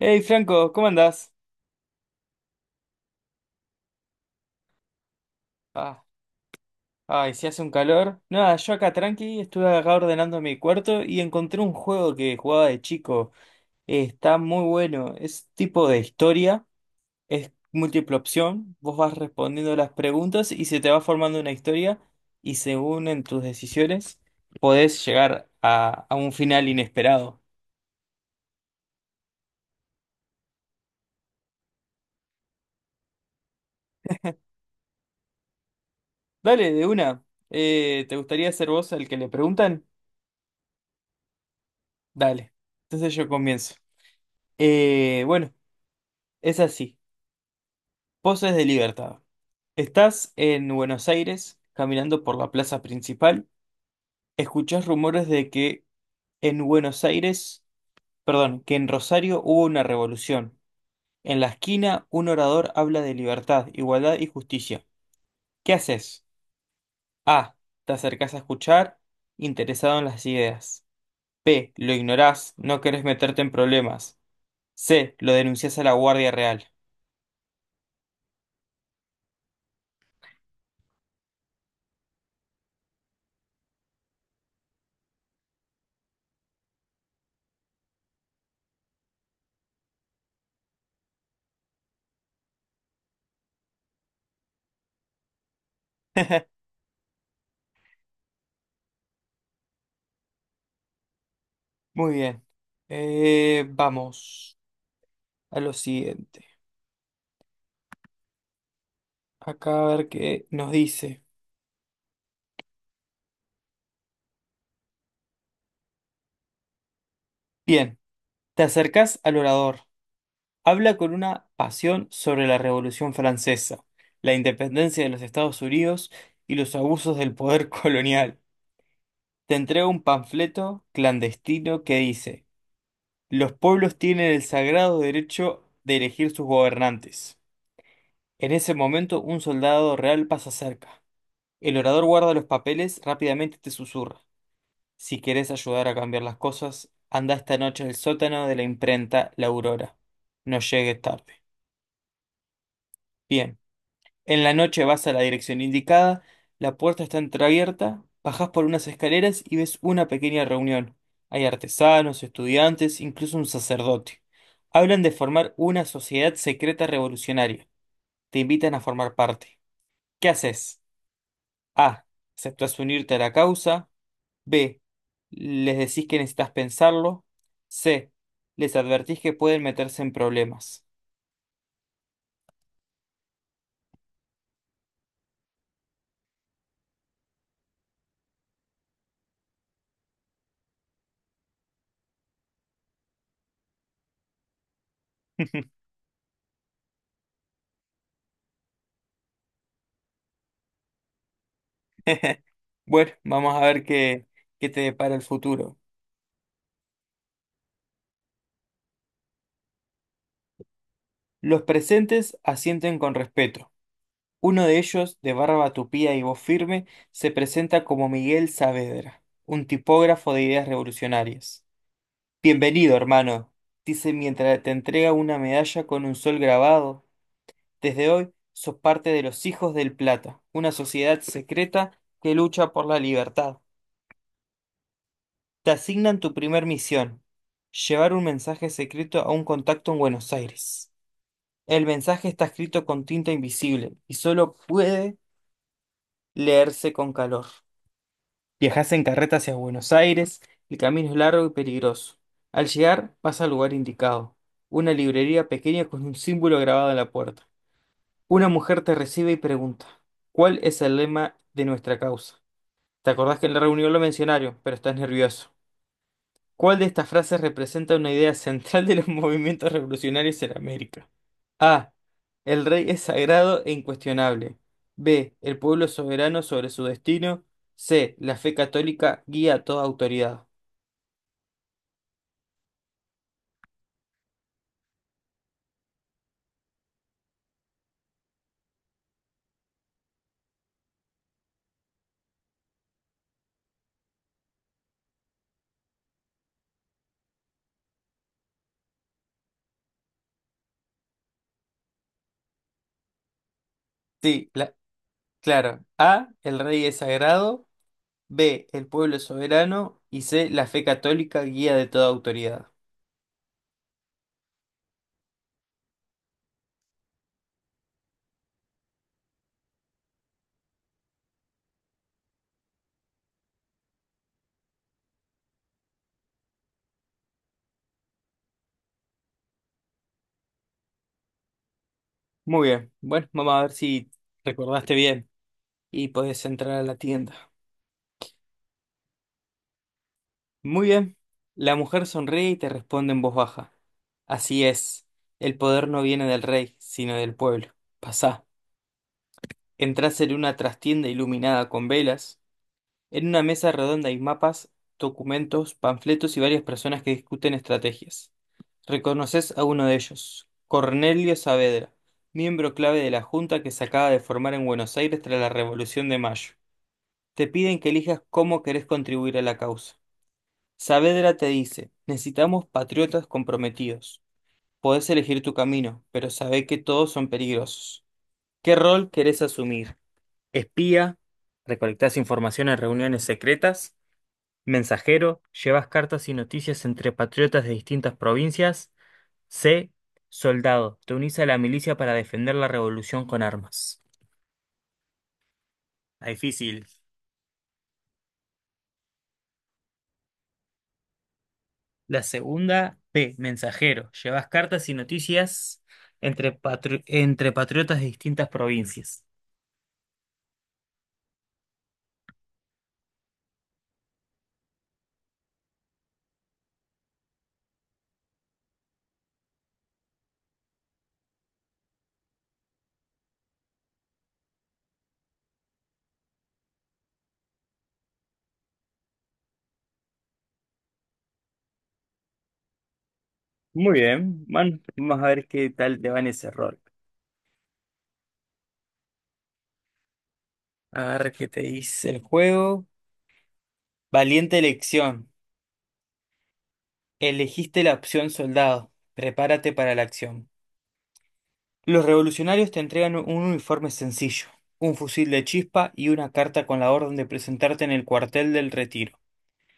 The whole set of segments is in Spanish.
Hey Franco, ¿cómo andás? Ah, ay, si hace un calor. Nada, yo acá tranqui, estuve acá ordenando mi cuarto y encontré un juego que jugaba de chico. Está muy bueno, es tipo de historia, es múltiple opción, vos vas respondiendo las preguntas y se te va formando una historia y según en tus decisiones podés llegar a un final inesperado. Dale, de una. ¿te gustaría ser vos el que le preguntan? Dale, entonces yo comienzo. Bueno, es así. Poses de libertad. Estás en Buenos Aires, caminando por la plaza principal. Escuchás rumores de que en Buenos Aires, perdón, que en Rosario hubo una revolución. En la esquina, un orador habla de libertad, igualdad y justicia. ¿Qué haces? A. Te acercás a escuchar, interesado en las ideas. B. Lo ignorás, no querés meterte en problemas. C. Lo denunciás a la Guardia Real. Muy bien. Vamos a lo siguiente. Acá a ver qué nos dice. Bien, te acercás al orador. Habla con una pasión sobre la Revolución Francesa, la independencia de los Estados Unidos y los abusos del poder colonial. Te entrega un panfleto clandestino que dice, los pueblos tienen el sagrado derecho de elegir sus gobernantes. En ese momento un soldado real pasa cerca. El orador guarda los papeles, rápidamente te susurra. Si querés ayudar a cambiar las cosas, anda esta noche al sótano de la imprenta La Aurora. No llegues tarde. Bien, en la noche vas a la dirección indicada, la puerta está entreabierta, bajás por unas escaleras y ves una pequeña reunión. Hay artesanos, estudiantes, incluso un sacerdote. Hablan de formar una sociedad secreta revolucionaria. Te invitan a formar parte. ¿Qué haces? A. ¿Aceptas unirte a la causa? B. Les decís que necesitas pensarlo. C. Les advertís que pueden meterse en problemas. Bueno, vamos a ver qué te depara el futuro. Los presentes asienten con respeto. Uno de ellos, de barba tupida y voz firme, se presenta como Miguel Saavedra, un tipógrafo de ideas revolucionarias. Bienvenido, hermano, dice mientras te entrega una medalla con un sol grabado. Desde hoy sos parte de los Hijos del Plata, una sociedad secreta que lucha por la libertad. Te asignan tu primer misión, llevar un mensaje secreto a un contacto en Buenos Aires. El mensaje está escrito con tinta invisible y solo puede leerse con calor. Viajás en carreta hacia Buenos Aires, el camino es largo y peligroso. Al llegar, vas al lugar indicado, una librería pequeña con un símbolo grabado en la puerta. Una mujer te recibe y pregunta, ¿cuál es el lema de nuestra causa? Te acordás que en la reunión lo mencionaron, pero estás nervioso. ¿Cuál de estas frases representa una idea central de los movimientos revolucionarios en América? A. El rey es sagrado e incuestionable. B. El pueblo es soberano sobre su destino. C. La fe católica guía a toda autoridad. Sí, claro. A. El rey es sagrado. B. El pueblo es soberano. Y C. La fe católica guía de toda autoridad. Muy bien. Bueno, vamos a ver si recordaste bien y podés entrar a la tienda. Muy bien. La mujer sonríe y te responde en voz baja. Así es. El poder no viene del rey, sino del pueblo. Pasá. Entrás en una trastienda iluminada con velas. En una mesa redonda hay mapas, documentos, panfletos y varias personas que discuten estrategias. Reconoces a uno de ellos, Cornelio Saavedra, miembro clave de la junta que se acaba de formar en Buenos Aires tras la Revolución de Mayo. Te piden que elijas cómo querés contribuir a la causa. Saavedra te dice, necesitamos patriotas comprometidos. Podés elegir tu camino, pero sabé que todos son peligrosos. ¿Qué rol querés asumir? ¿Espía? ¿Recolectás información en reuniones secretas? ¿Mensajero? ¿Llevas cartas y noticias entre patriotas de distintas provincias? C. Soldado. Te unís a la milicia para defender la revolución con armas. Está difícil. La segunda, P, mensajero. Llevas cartas y noticias entre, entre patriotas de distintas provincias. Muy bien, man, vamos a ver qué tal te va en ese rol. A ver qué te dice el juego. Valiente elección. Elegiste la opción soldado. Prepárate para la acción. Los revolucionarios te entregan un uniforme sencillo, un fusil de chispa y una carta con la orden de presentarte en el cuartel del Retiro.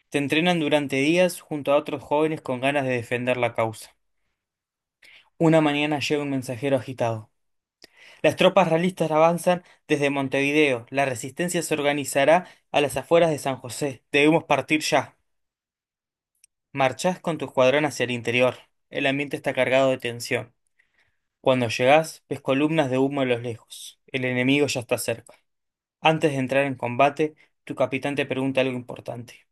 Te entrenan durante días junto a otros jóvenes con ganas de defender la causa. Una mañana llega un mensajero agitado. Las tropas realistas avanzan desde Montevideo. La resistencia se organizará a las afueras de San José. Debemos partir ya. Marchás con tu escuadrón hacia el interior. El ambiente está cargado de tensión. Cuando llegás, ves columnas de humo a los lejos. El enemigo ya está cerca. Antes de entrar en combate, tu capitán te pregunta algo importante.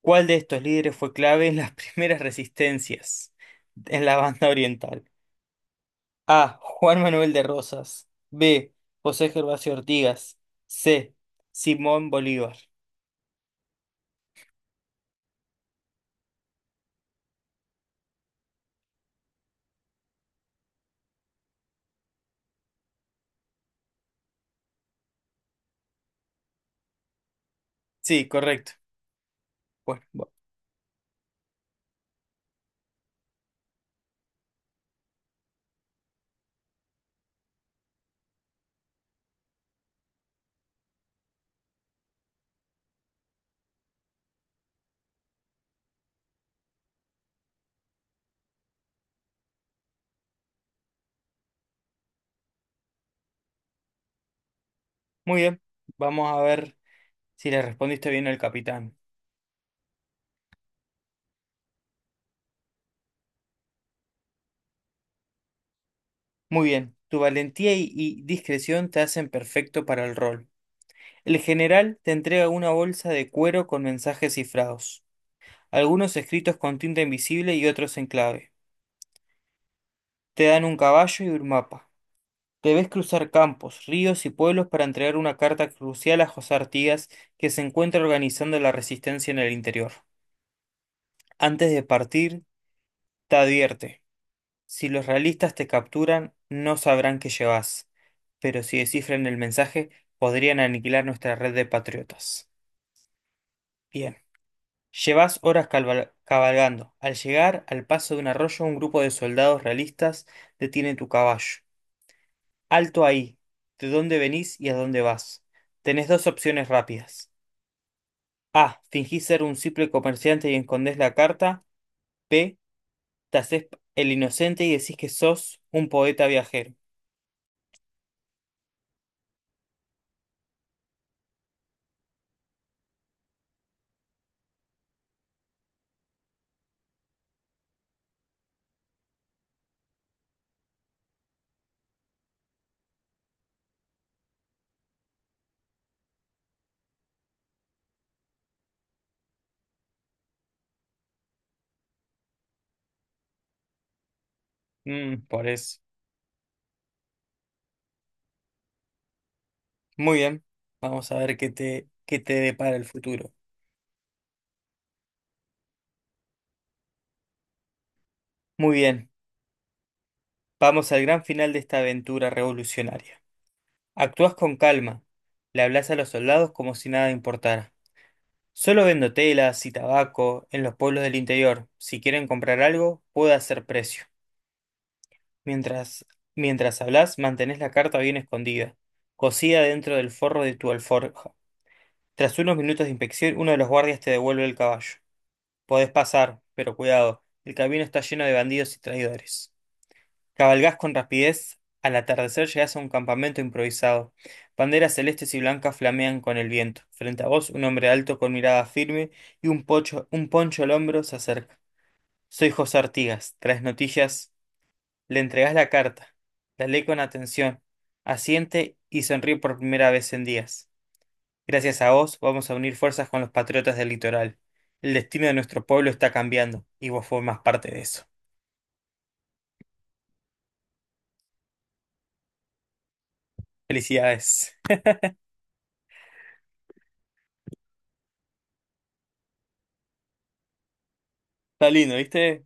¿Cuál de estos líderes fue clave en las primeras resistencias en la banda oriental? A. Juan Manuel de Rosas. B. José Gervasio Ortigas. C. Simón Bolívar. Sí, correcto. Bueno, muy bien. Vamos a ver si le respondiste bien al capitán. Muy bien. Tu valentía y discreción te hacen perfecto para el rol. El general te entrega una bolsa de cuero con mensajes cifrados, algunos escritos con tinta invisible y otros en clave. Te dan un caballo y un mapa. Debes cruzar campos, ríos y pueblos para entregar una carta crucial a José Artigas, que se encuentra organizando la resistencia en el interior. Antes de partir, te advierte. Si los realistas te capturan, no sabrán que llevas, pero si descifran el mensaje, podrían aniquilar nuestra red de patriotas. Bien. Llevas horas cabalgando. Al llegar al paso de un arroyo, un grupo de soldados realistas detiene tu caballo. Alto ahí. ¿De dónde venís y a dónde vas? Tenés dos opciones rápidas. A. Fingís ser un simple comerciante y escondés la carta. B. Te hacés el inocente y decís que sos un poeta viajero. Mm, por eso. Muy bien. Vamos a ver qué te depara el futuro. Muy bien. Vamos al gran final de esta aventura revolucionaria. Actúas con calma. Le hablas a los soldados como si nada importara. Solo vendo telas y tabaco en los pueblos del interior. Si quieren comprar algo, puedo hacer precio. Mientras, mientras hablas, mantenés la carta bien escondida, cosida dentro del forro de tu alforja. Tras unos minutos de inspección, uno de los guardias te devuelve el caballo. Podés pasar, pero cuidado, el camino está lleno de bandidos y traidores. Cabalgás con rapidez, al atardecer llegás a un campamento improvisado. Banderas celestes y blancas flamean con el viento. Frente a vos, un hombre alto con mirada firme y un poncho al hombro se acerca. Soy José Artigas. Traes noticias. Le entregás la carta. La lee con atención. Asiente y sonríe por primera vez en días. Gracias a vos, vamos a unir fuerzas con los patriotas del litoral. El destino de nuestro pueblo está cambiando y vos formás parte de eso. Felicidades. Está lindo, ¿viste?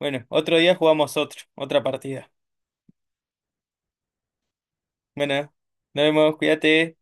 Bueno, otro día jugamos otra partida. Bueno, nos vemos, cuídate.